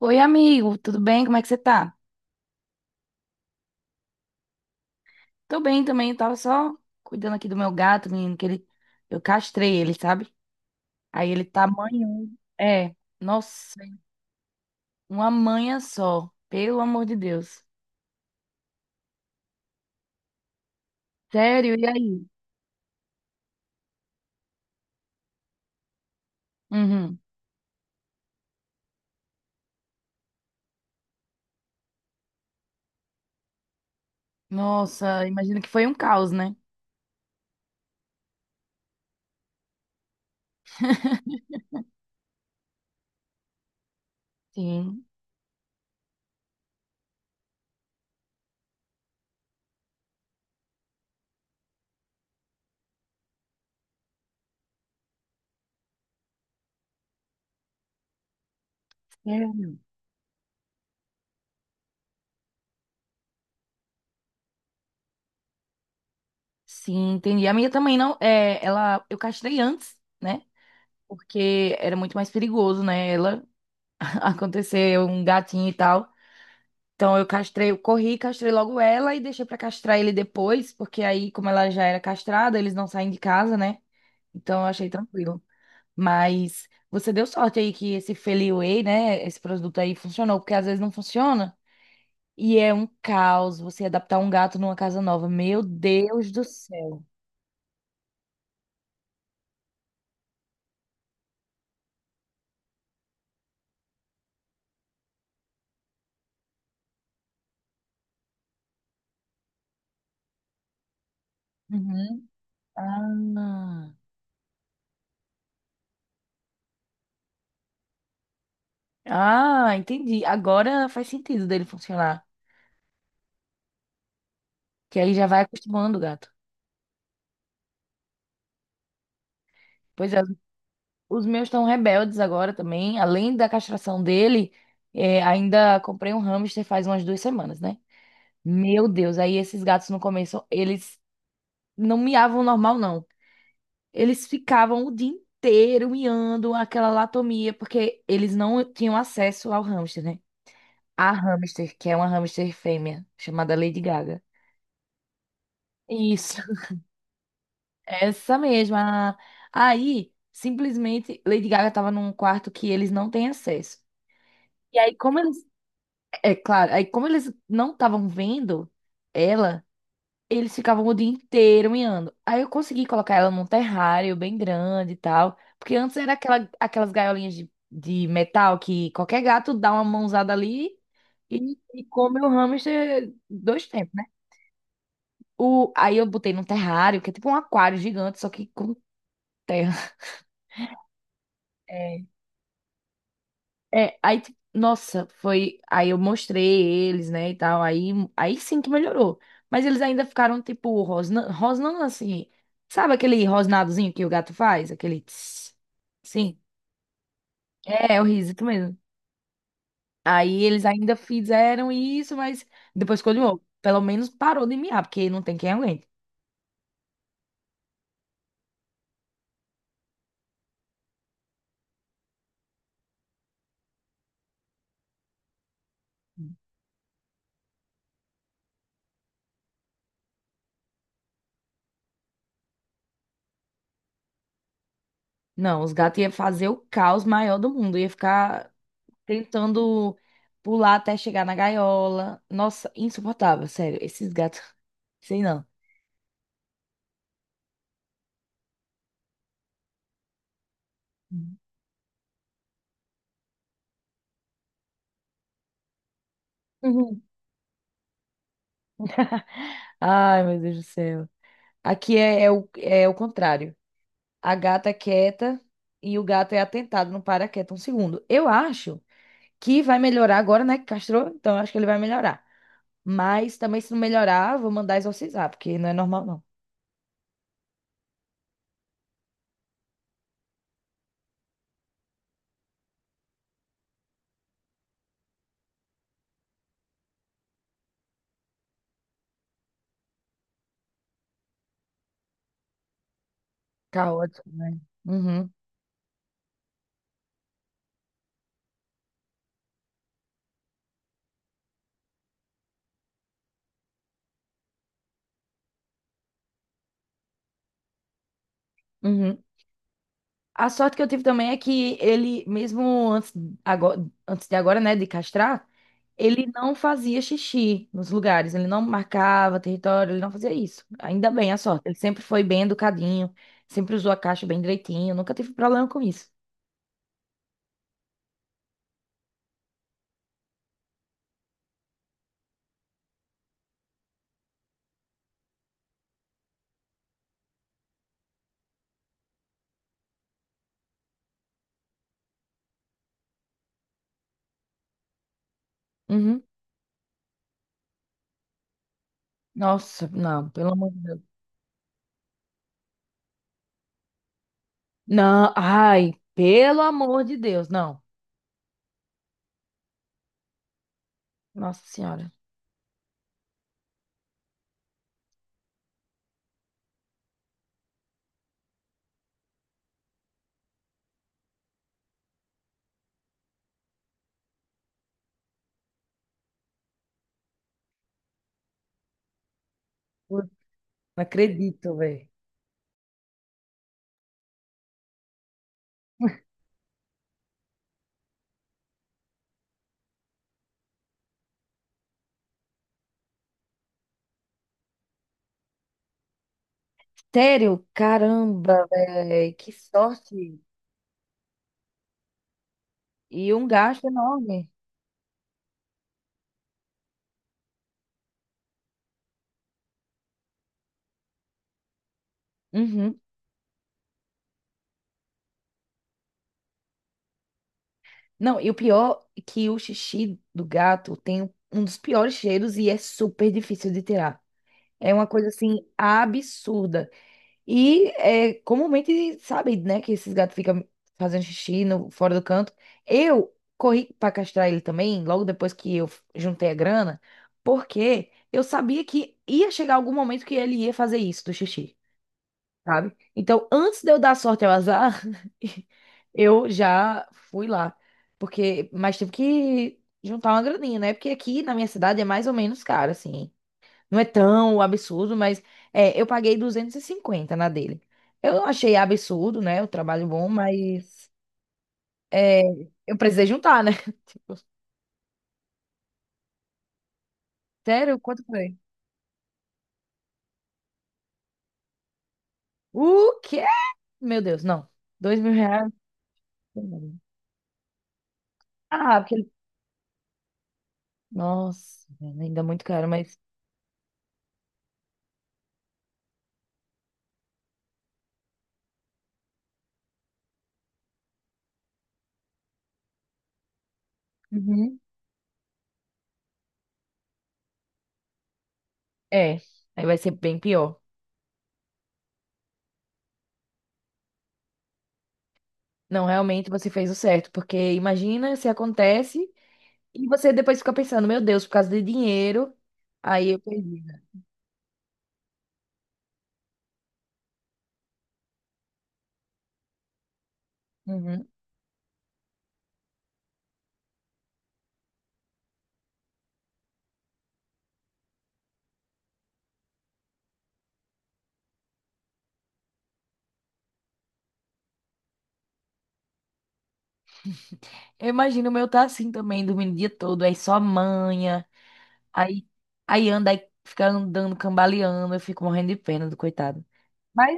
Oi, amigo, tudo bem? Como é que você tá? Tô bem também, eu tava só cuidando aqui do meu gato, menino, que ele eu castrei ele, sabe? Aí ele tá manhando. É, nossa, uma manha só, pelo amor de Deus. Sério, e aí? Uhum. Nossa, imagino que foi um caos, né? Sim. É. Sim, entendi. A minha também não, é, ela eu castrei antes, né? Porque era muito mais perigoso, né? Ela acontecer um gatinho e tal. Então eu castrei, eu corri, castrei logo ela e deixei pra castrar ele depois, porque aí, como ela já era castrada, eles não saem de casa, né? Então eu achei tranquilo. Mas você deu sorte aí que esse Feli Whey, né? Esse produto aí funcionou, porque às vezes não funciona. E é um caos você adaptar um gato numa casa nova. Meu Deus do céu. Uhum. Ah. Ah, entendi. Agora faz sentido dele funcionar. Que aí já vai acostumando o gato. Pois é. Os meus estão rebeldes agora também. Além da castração dele, ainda comprei um hamster faz umas 2 semanas, né? Meu Deus, aí esses gatos no começo, eles não miavam normal, não. Eles ficavam o dia inteiro miando aquela latomia, porque eles não tinham acesso ao hamster, né? A hamster, que é uma hamster fêmea, chamada Lady Gaga. Isso, essa mesma. Aí, simplesmente, Lady Gaga tava num quarto que eles não têm acesso. E aí, como eles É claro. Aí, como eles não estavam vendo ela, eles ficavam o dia inteiro miando. Aí eu consegui colocar ela num terrário bem grande e tal. Porque antes era aquelas gaiolinhas de metal que qualquer gato dá uma mãozada ali e come o hamster dois tempos, né? Aí eu botei num terrário, que é tipo um aquário gigante, só que com terra. É, aí, tipo, nossa, foi. Aí eu mostrei eles, né, e tal. Aí sim que melhorou. Mas eles ainda ficaram, tipo, rosnando, rosnando assim. Sabe aquele rosnadozinho que o gato faz? Aquele. Tss, sim. É o risito mesmo. Aí eles ainda fizeram isso, mas depois continuou. Pelo menos parou de miar, porque não tem quem aguente. Não, os gatos iam fazer o caos maior do mundo. Ia ficar tentando pular até chegar na gaiola. Nossa, insuportável, sério. Esses gatos, sei não. Uhum. Ai, meu Deus do céu. Aqui é, é o contrário. A gata é quieta e o gato é atentado, não para quieto um segundo. Eu acho que vai melhorar agora, né? Que castrou, então eu acho que ele vai melhorar. Mas também, se não melhorar, vou mandar exorcizar, porque não é normal, não. Caótico, né? Uhum, uhum. A sorte que eu tive também é que ele, mesmo antes, agora, antes de agora, né, de castrar, ele não fazia xixi nos lugares, ele não marcava território, ele não fazia isso. Ainda bem, a sorte. Ele sempre foi bem educadinho, sempre usou a caixa bem direitinho, nunca tive problema com isso. Uhum. Nossa, não, pelo amor de Deus. Não, ai, pelo amor de Deus, não. Nossa Senhora. Putz, não acredito, velho. Sério? Caramba, velho, que sorte. E um gasto enorme. Uhum. Não, e o pior é que o xixi do gato tem um dos piores cheiros e é super difícil de tirar. É uma coisa assim absurda. E é comumente sabe, né, que esses gatos ficam fazendo xixi no, fora do canto. Eu corri para castrar ele também, logo depois que eu juntei a grana, porque eu sabia que ia chegar algum momento que ele ia fazer isso do xixi, sabe? Então, antes de eu dar sorte ao azar, eu já fui lá. Porque, mas tive que juntar uma graninha, né? Porque aqui na minha cidade é mais ou menos caro, assim. Não é tão absurdo, mas eu paguei 250 na dele. Eu não achei absurdo, né? O trabalho bom, mas é, eu precisei juntar, né? Sério? Quanto foi? O quê? Meu Deus, não. 2.000 reais? Ah, porque ele... Nossa, ainda é muito caro, mas... Uhum. É, aí vai ser bem pior. Não, realmente você fez o certo, porque imagina se acontece e você depois fica pensando, meu Deus, por causa de dinheiro, aí eu perdi, né? Uhum. Eu imagino o meu tá assim também, dormindo o dia todo, aí só manha, aí, aí, anda, aí fica andando, cambaleando, eu fico morrendo de pena do coitado. Mas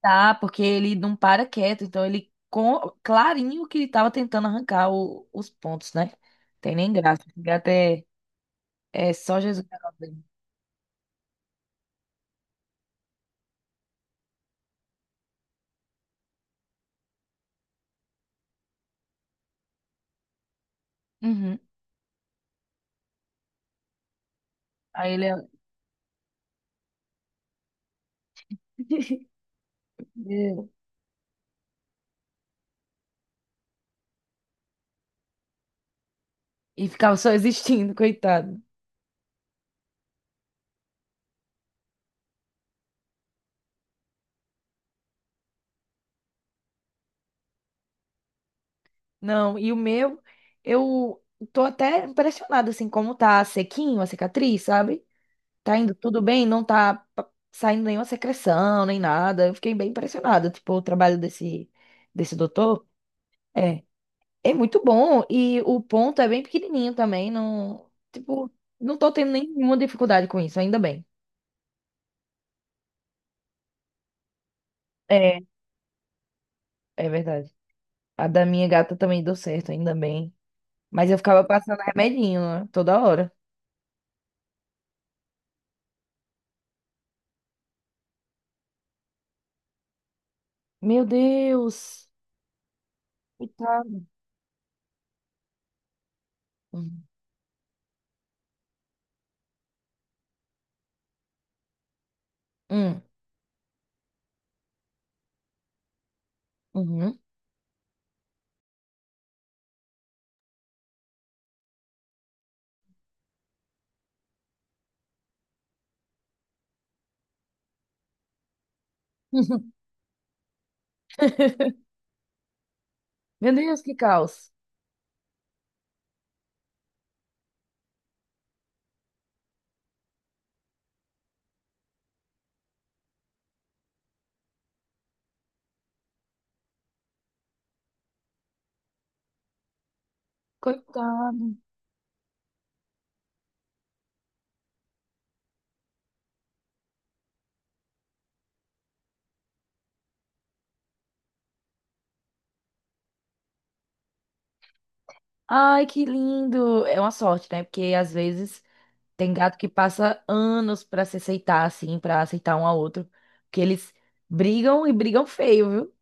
tá, porque ele não para quieto, então ele, com, clarinho que ele tava tentando arrancar os pontos, né? Tem nem graça, esse gato é, é só Jesus na causa dele. Uhum. Aí ele é, e ficava só existindo, coitado. Não, e o meu, eu tô até impressionada, assim, como tá sequinho a cicatriz, sabe? Tá indo tudo bem, não tá saindo nenhuma secreção, nem nada. Eu fiquei bem impressionada, tipo, o trabalho desse doutor. É, é muito bom. E o ponto é bem pequenininho também, não, tipo, não tô tendo nenhuma dificuldade com isso, ainda bem. É, é verdade. A da minha gata também deu certo, ainda bem. Mas eu ficava passando remedinho, né? Toda hora. Meu Deus! Coitado. Hum, uhum. Meu Deus, que caos. Coitado. Ai, que lindo. É uma sorte, né? Porque às vezes tem gato que passa anos pra se aceitar, assim, pra aceitar um ao outro. Porque eles brigam e brigam feio, viu?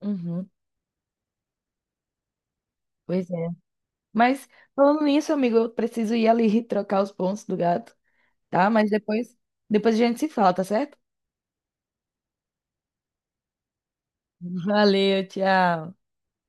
Uhum, pois é. Mas falando nisso, amigo, eu preciso ir ali trocar os pontos do gato, tá? Mas depois, a gente se fala, tá certo? Valeu, tchau.